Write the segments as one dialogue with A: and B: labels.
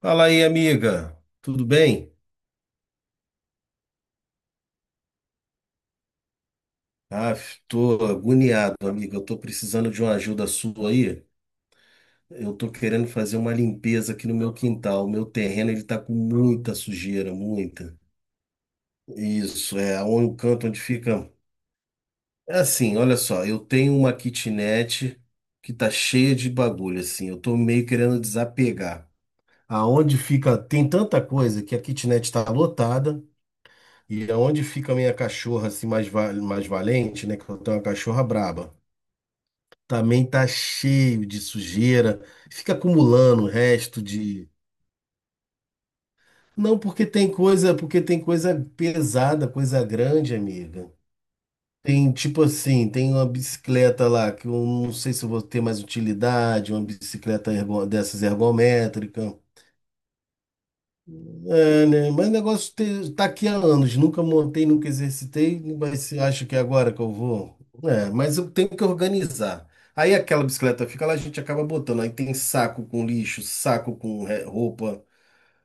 A: Fala aí, amiga. Tudo bem? Ah, tô agoniado, amiga. Eu tô precisando de uma ajuda sua aí. Eu tô querendo fazer uma limpeza aqui no meu quintal. O meu terreno, ele tá com muita sujeira, muita. Isso, é um canto onde fica. É assim, olha só. Eu tenho uma kitnet que tá cheia de bagulho, assim. Eu tô meio querendo desapegar. Aonde fica. Tem tanta coisa que a kitnet tá lotada. E aonde fica a minha cachorra assim mais valente, né? Que eu tenho uma cachorra braba. Também tá cheio de sujeira, fica acumulando o resto de. Não, porque tem coisa pesada, coisa grande, amiga. Tem tipo assim, tem uma bicicleta lá que eu não sei se eu vou ter mais utilidade, uma bicicleta dessas ergométrica. É, né? Mas o negócio tá aqui há anos, nunca montei, nunca exercitei, mas acho que é agora que eu vou. É, mas eu tenho que organizar. Aí aquela bicicleta fica lá, a gente acaba botando. Aí tem saco com lixo, saco com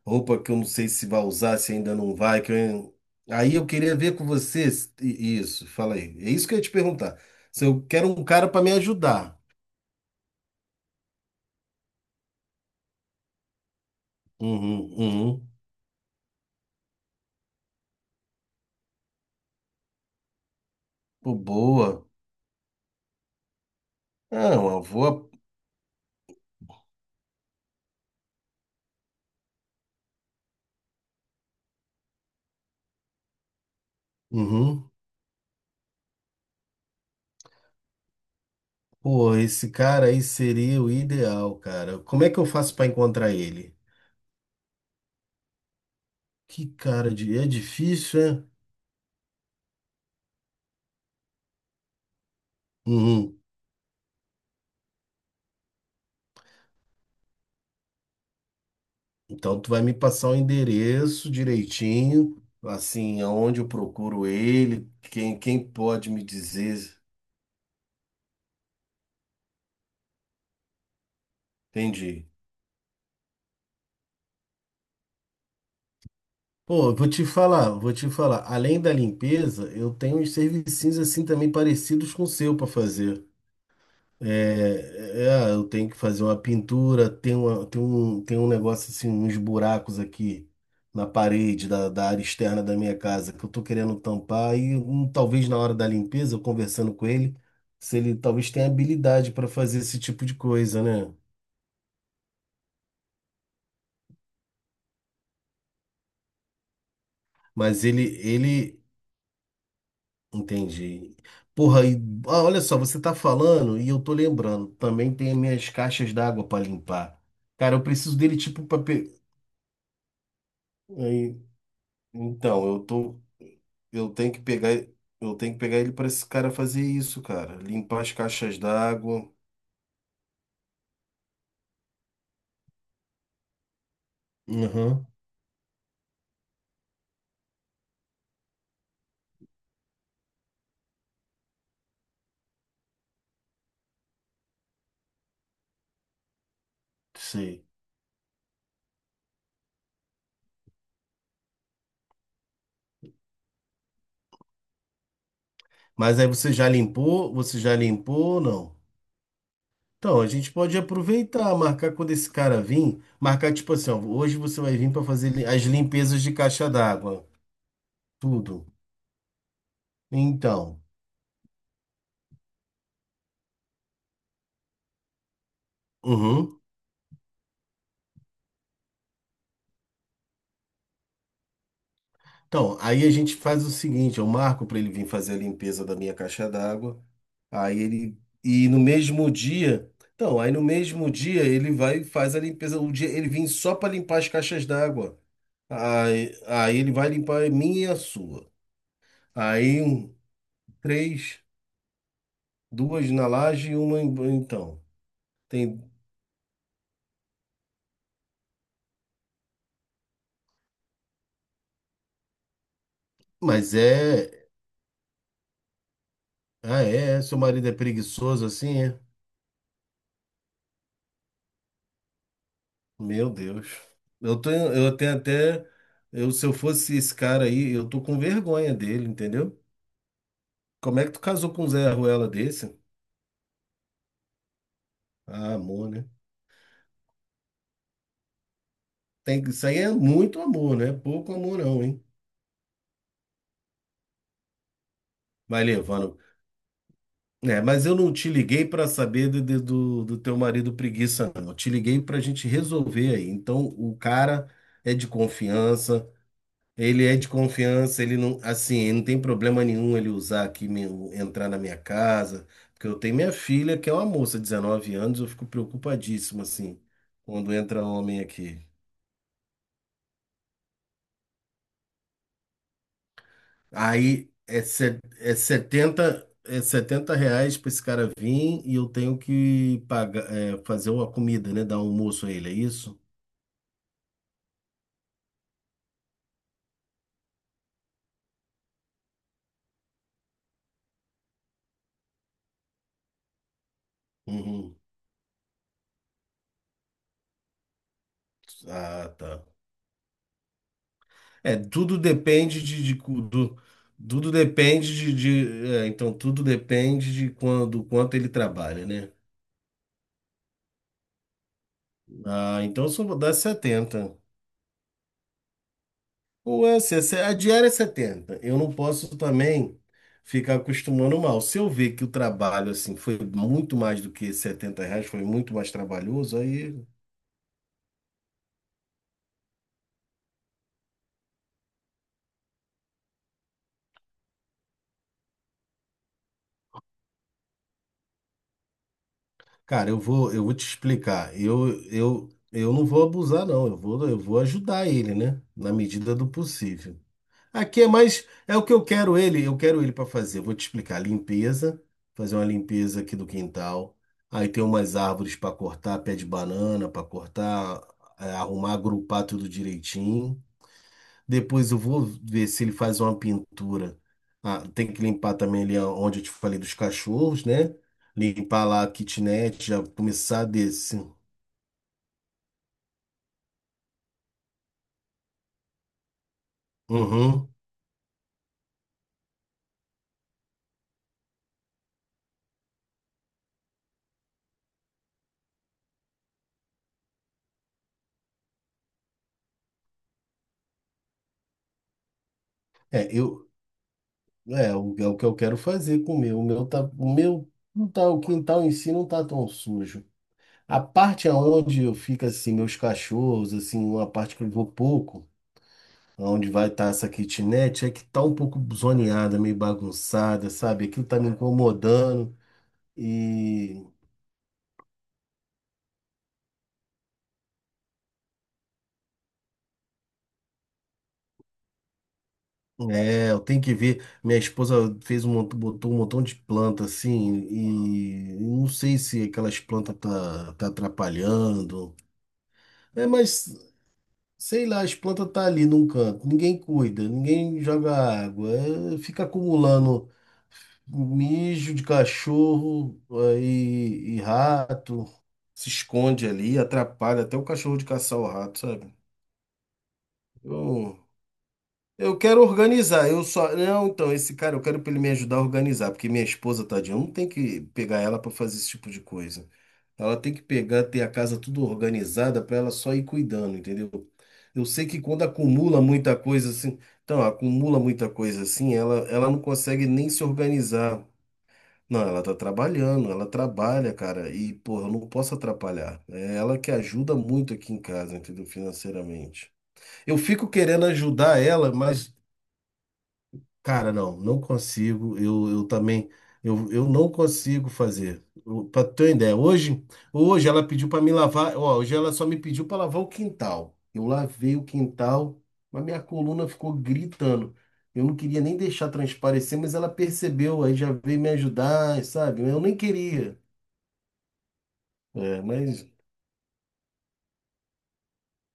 A: roupa que eu não sei se vai usar, se ainda não vai. Que eu-. Aí eu queria ver com vocês isso, fala aí. É isso que eu ia te perguntar. Se eu quero um cara para me ajudar. Uhum, uhum. Pô, boa. Ah, uma boa. Uhum. Pô, esse cara aí seria o ideal, cara. Como é que eu faço pra encontrar ele? Que cara de. É difícil, é? Uhum. Então tu vai me passar o endereço direitinho, assim, aonde eu procuro ele, quem pode me dizer. Entendi. Pô, vou te falar, vou te falar. Além da limpeza, eu tenho uns serviços assim também parecidos com o seu pra fazer. Eu tenho que fazer uma pintura, tem um negócio assim, uns buracos aqui na parede da área externa da minha casa que eu tô querendo tampar e talvez na hora da limpeza, eu conversando com ele, se ele talvez tenha habilidade para fazer esse tipo de coisa, né? Mas ele, entendi. Porra, e, olha só, você tá falando e eu tô lembrando, também tem as minhas caixas d'água para limpar. Cara, eu preciso dele tipo para. Aí, então, eu tô. Eu tenho que pegar, eu tenho que pegar ele para esse cara fazer isso, cara. Limpar as caixas d'água. Aham, sei. Mas aí você já limpou? Você já limpou ou não? Então, a gente pode aproveitar, marcar quando esse cara vir, marcar tipo assim, ó, hoje você vai vir para fazer as limpezas de caixa d'água, tudo. Então, uhum. Então, aí a gente faz o seguinte, eu marco para ele vir fazer a limpeza da minha caixa d'água. Aí ele. E no mesmo dia. Então, aí no mesmo dia ele vai e faz a limpeza. O dia ele vem só para limpar as caixas d'água. Aí ele vai limpar a minha e a sua. Aí um, três, duas na laje e uma então. Tem. Mas é. Ah, é? Seu marido é preguiçoso assim, é? Meu Deus. Eu tenho até. Se eu fosse esse cara aí, eu tô com vergonha dele, entendeu? Como é que tu casou com um Zé Ruela desse? Ah, amor, né? Isso aí é muito amor, não é pouco amor não, hein? Vai levando. É, mas eu não te liguei para saber do teu marido preguiça, não. Eu te liguei para a gente resolver aí. Então, o cara é de confiança, ele é de confiança, ele não, assim, ele não tem problema nenhum ele usar aqui, entrar na minha casa, porque eu tenho minha filha, que é uma moça, 19 anos, eu fico preocupadíssimo, assim, quando entra homem aqui. Aí é setenta reais para esse cara vir e eu tenho que pagar, fazer uma comida, né? Dar um almoço a ele, é isso? Uhum. Ah, tá. É, tudo depende então tudo depende de quando, do quanto ele trabalha, né? Ah, então eu só vou dar 70. Ou é, se- A diária é 70, eu não posso também ficar acostumando mal. Se eu ver que o trabalho assim foi muito mais do que 70 reais, foi muito mais trabalhoso, aí, cara, eu vou te explicar. Eu não vou abusar, não. Eu vou ajudar ele, né? Na medida do possível. Aqui é mais, é o que eu quero ele para fazer. Eu vou te explicar, limpeza, fazer uma limpeza aqui do quintal. Aí tem umas árvores para cortar, pé de banana para cortar, arrumar, agrupar tudo direitinho. Depois eu vou ver se ele faz uma pintura. Ah, tem que limpar também ali onde eu te falei dos cachorros, né? Limpar lá a kitnet, já começar desse. Uhum. É, eu, É o que eu quero fazer com o meu. O meu não tá, o quintal em si não tá tão sujo. A parte aonde eu fico assim, meus cachorros, assim, uma parte que eu vou pouco, aonde vai estar essa kitnet, é que tá um pouco zoneada, meio bagunçada, sabe? Aquilo tá me incomodando e eu tenho que ver. Minha esposa botou um montão de planta assim e não sei se aquelas plantas tá atrapalhando. É, mas. Sei lá, as plantas tá ali num canto, ninguém cuida, ninguém joga água, fica acumulando mijo de cachorro e rato, se esconde ali, atrapalha até o cachorro de caçar o rato, sabe? Eu eu quero organizar, eu só. Não, então, esse cara, eu quero pra ele me ajudar a organizar, porque minha esposa, tadinha, eu não tem que pegar ela pra fazer esse tipo de coisa. Ela tem que pegar, ter a casa tudo organizada pra ela só ir cuidando, entendeu? Eu sei que quando acumula muita coisa assim, então, acumula muita coisa assim, ela não consegue nem se organizar. Não, ela tá trabalhando, ela trabalha, cara, e, porra, eu não posso atrapalhar. É ela que ajuda muito aqui em casa, entendeu? Financeiramente. Eu fico querendo ajudar ela, mas. Cara, não, não consigo. Eu também, eu não consigo fazer. Para Pra ter uma ideia, hoje, ela pediu para me lavar. Ó, hoje ela só me pediu para lavar o quintal. Eu lavei o quintal, mas minha coluna ficou gritando. Eu não queria nem deixar transparecer, mas ela percebeu, aí já veio me ajudar, sabe? Eu nem queria. É, mas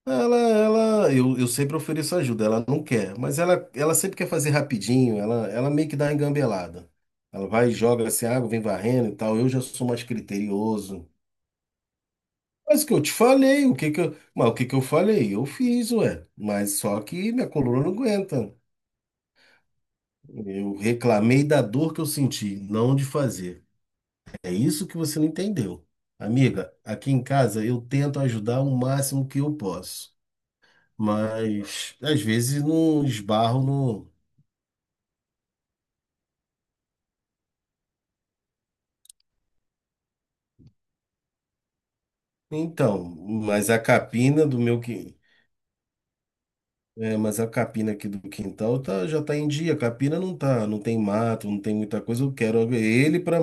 A: Eu sempre ofereço ajuda, ela não quer, mas ela sempre quer fazer rapidinho, ela meio que dá uma engambelada. Ela vai e joga assim, água, vem varrendo e tal. Eu já sou mais criterioso. Mas o que eu te falei, o que que eu falei? Eu fiz, ué, mas só que minha coluna não aguenta. Eu reclamei da dor que eu senti, não de fazer. É isso que você não entendeu. Amiga, aqui em casa eu tento ajudar o máximo que eu posso. Mas às vezes não esbarro no. Então, mas a capina do meu que é, mas a capina aqui do quintal tá, já tá em dia. A capina não tá, não tem mato, não tem muita coisa.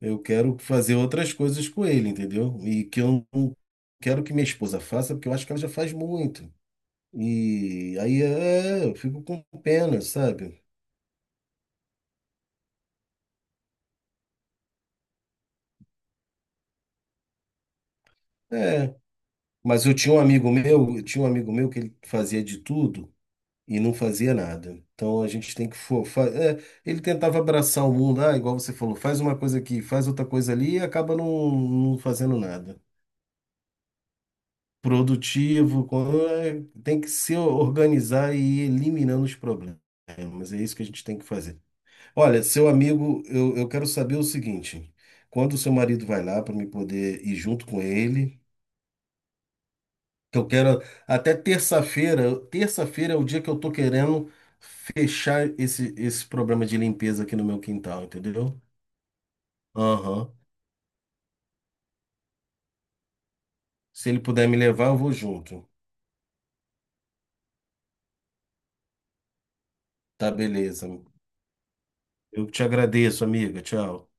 A: Eu quero fazer outras coisas com ele, entendeu? E que eu não quero que minha esposa faça, porque eu acho que ela já faz muito. E aí eu fico com pena, sabe? É, mas eu tinha um amigo meu, eu tinha um amigo meu que ele fazia de tudo. E não fazia nada. Então a gente tem que. Ele tentava abraçar o mundo, ah, igual você falou, faz uma coisa aqui, faz outra coisa ali e acaba não fazendo nada. Produtivo, tem que se organizar e ir eliminando os problemas. É, mas é isso que a gente tem que fazer. Olha, seu amigo, eu quero saber o seguinte: quando o seu marido vai lá para me poder ir junto com ele. Que eu quero até terça-feira. Terça-feira é o dia que eu tô querendo fechar esse problema de limpeza aqui no meu quintal, entendeu? Aham. Se ele puder me levar, eu vou junto. Tá, beleza. Eu te agradeço, amiga. Tchau.